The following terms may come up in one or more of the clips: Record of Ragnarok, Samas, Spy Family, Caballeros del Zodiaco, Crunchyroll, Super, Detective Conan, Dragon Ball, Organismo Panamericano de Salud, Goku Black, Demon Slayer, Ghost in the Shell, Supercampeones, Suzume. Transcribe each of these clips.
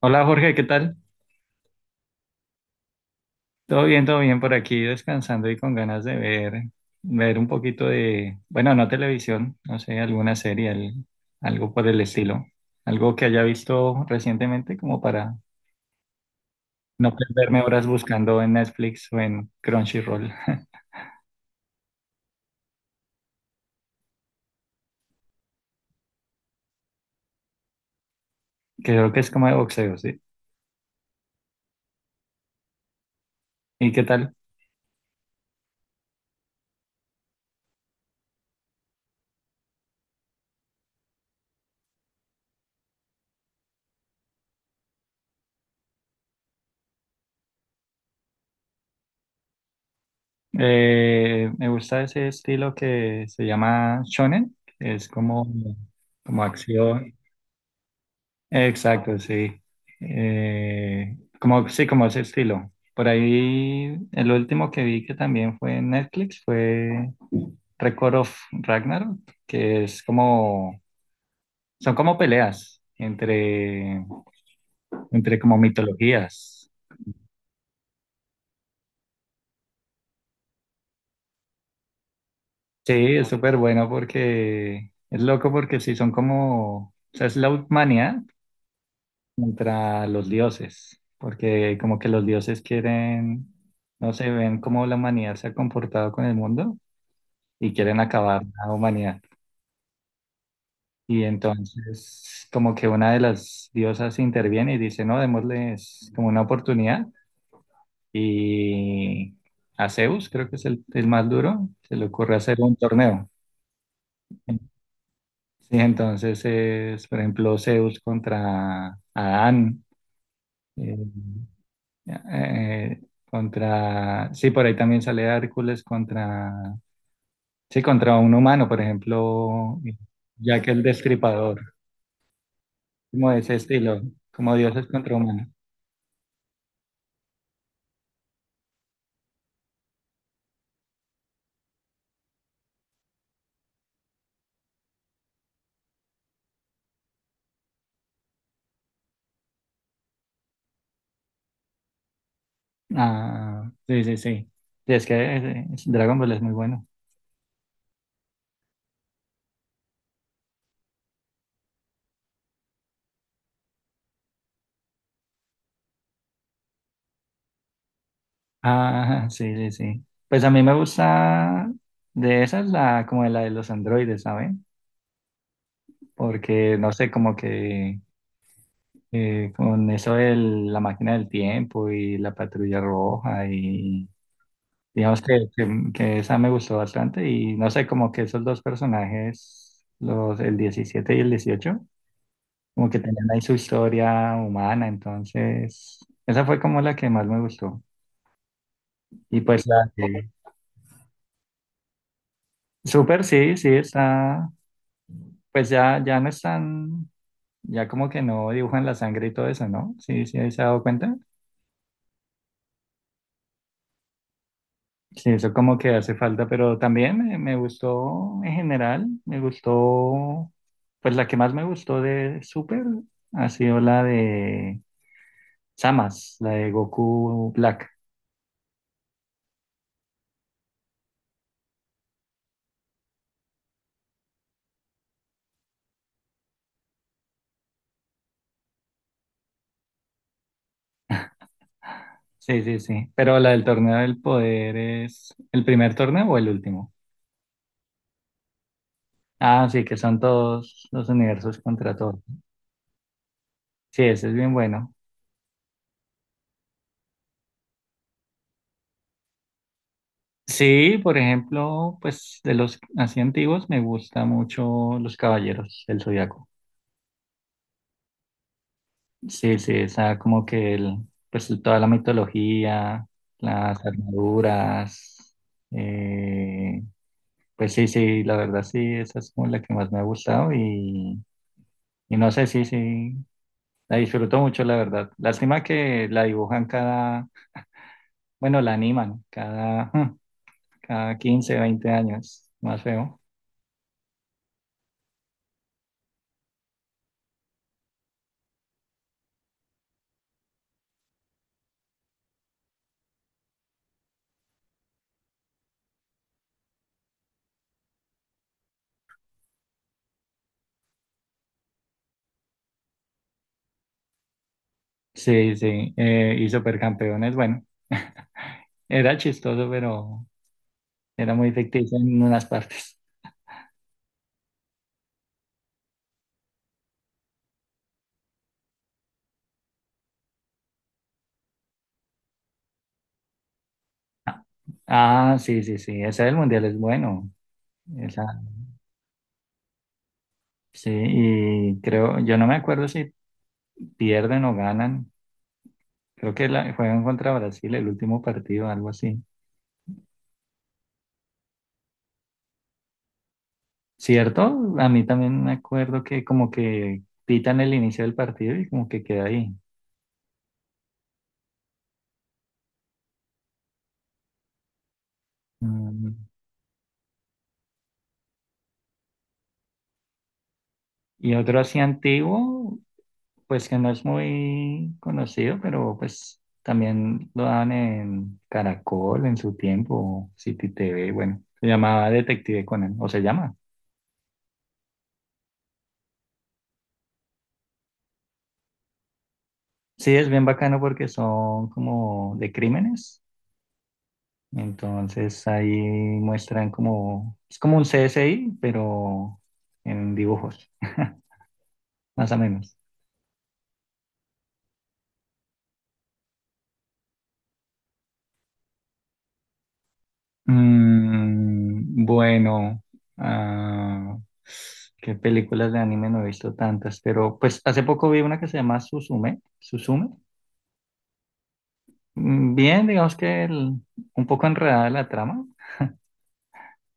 Hola Jorge, ¿qué tal? Todo bien por aquí, descansando y con ganas de ver un poquito de, bueno, no televisión, no sé, alguna serie, algo por el estilo, algo que haya visto recientemente como para no perderme horas buscando en Netflix o en Crunchyroll. Que creo que es como de boxeo, ¿sí? ¿Y qué tal? Me gusta ese estilo que se llama shonen, que es como acción. Exacto, sí. Como, sí, como ese estilo. Por ahí, el último que vi que también fue en Netflix fue Record of Ragnarok, que es como, son como peleas entre como mitologías. Sí, es súper bueno porque, es loco porque sí, son como, o sea, es la humanidad contra los dioses, porque como que los dioses quieren, no sé, ven cómo la humanidad se ha comportado con el mundo y quieren acabar la humanidad. Y entonces como que una de las diosas interviene y dice, no, démosles como una oportunidad. Y a Zeus, creo que es el más duro, se le ocurre hacer un torneo. Sí, entonces es, por ejemplo, Zeus contra Adán, eh, sí, por ahí también sale Hércules contra, sí, contra un humano, por ejemplo, Jack el Destripador. Como de ese estilo, como dioses contra humanos. Ah, sí, sí, sí. Sí, es que Dragon Ball es muy bueno. Ah, sí, sí, sí. Pues a mí me gusta de esas la como de la de los androides, ¿saben? Porque no sé, como que con eso de la máquina del tiempo y la patrulla roja y digamos que esa me gustó bastante y no sé, como que esos dos personajes, los el 17 y el 18 como que tenían ahí su historia humana, entonces esa fue como la que más me gustó. Y pues la de Super sí, sí, está, pues ya no están, ya como que no dibujan la sangre y todo eso, ¿no? Sí, sí, ahí se ha dado cuenta. Sí, eso como que hace falta, pero también me gustó en general, me gustó, pues la que más me gustó de Super ha sido la de Samas, la de Goku Black. Sí, sí, sí. Pero la del torneo del poder es el primer torneo o el último. Ah, sí, que son todos los universos contra todos. Sí, ese es bien bueno. Sí, por ejemplo, pues de los así antiguos me gusta mucho los caballeros del Zodiaco. Sí, sí, esa como que toda la mitología, las armaduras, eh, pues sí, sí, la verdad sí, esa es como la que más me ha gustado y no sé, sí, sí, la disfruto mucho, la verdad. Lástima que la dibujan cada, bueno, la animan cada, cada 15 20 años, más feo. Sí, sí, y Supercampeones, bueno, era chistoso, pero era muy ficticio en unas partes. Ah, ah, sí, sí, sí, ese del Mundial es bueno. Esa, sí, y creo, yo no me acuerdo si pierden o ganan. Creo que juegan contra Brasil el último partido, algo así. ¿Cierto? A mí también me acuerdo que como que pitan el inicio del partido y como que queda ahí. Mm. Y otro así antiguo, pues que no es muy conocido, pero pues también lo daban en Caracol en su tiempo, City T V, bueno, se llamaba Detective Conan, o se llama. Sí, es bien bacano porque son como de crímenes, entonces ahí muestran como, es como un C S I pero en dibujos, más o menos. Bueno, ah, qué películas de anime no he visto tantas, pero pues hace poco vi una que se llama Suzume, Suzume. Bien, digamos que un poco enredada la trama,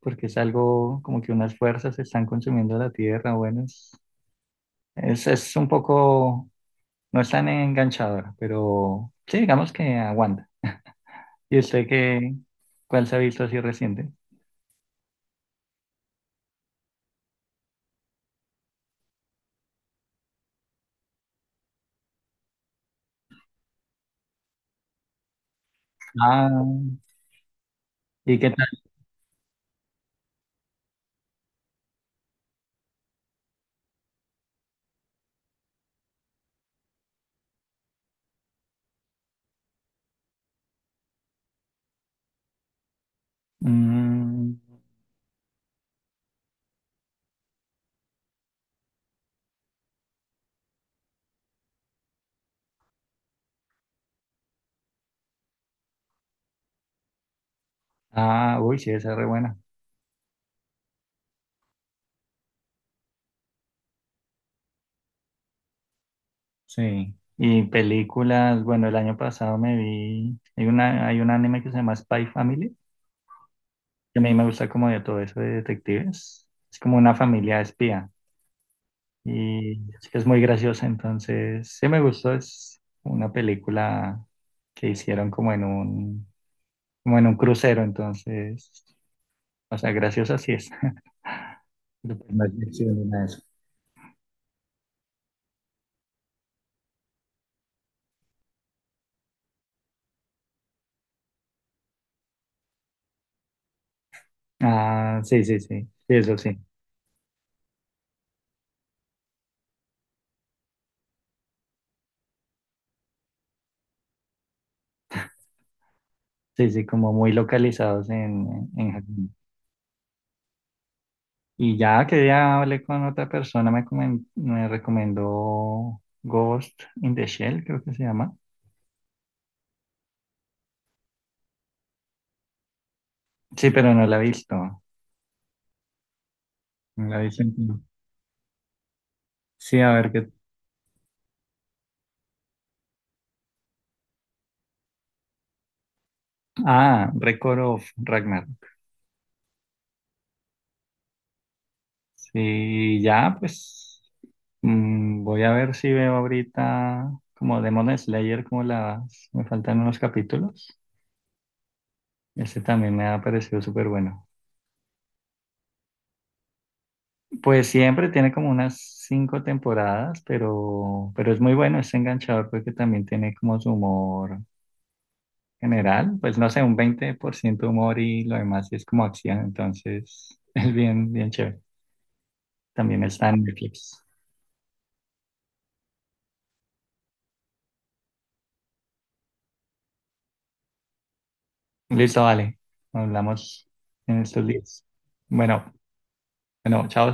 porque es algo como que unas fuerzas están consumiendo la tierra, bueno, es un poco, no es tan enganchadora, pero sí, digamos que aguanta. ¿Y usted cuál se ha visto así reciente? Ah, ¿y qué tal? Mm, Ah, uy, sí, esa es re buena. Sí. Y películas, bueno, el año pasado me vi, hay un anime que se llama Spy Family, que a mí me gusta como de todo eso de detectives. Es como una familia de espía y es que es muy graciosa, entonces sí me gustó, es una película que hicieron como como en un crucero, entonces, o sea, graciosa sí es. Pero pues no es ficción ni nada de eso. Ah, sí, sí, sí, sí, eso sí. Sí, sí, como muy localizados en Japón. Y ya que ya hablé con otra persona, me recomendó Ghost in the Shell, creo que se llama. Sí, pero no la he visto. No la he visto entera. Sí, a ver qué. Ah, Record of Ragnar. Sí, ya, pues voy a ver si veo ahorita como Demon Slayer, como las. Me faltan unos capítulos. Ese también me ha parecido súper bueno. Pues siempre tiene como unas cinco temporadas, pero es muy bueno, es enganchador porque también tiene como su humor general, pues no sé, un 20% humor y lo demás sí es como acción, entonces es bien, bien chévere. También está en Netflix. Listo, vale. Hablamos en estos días. Bueno, bueno, chao.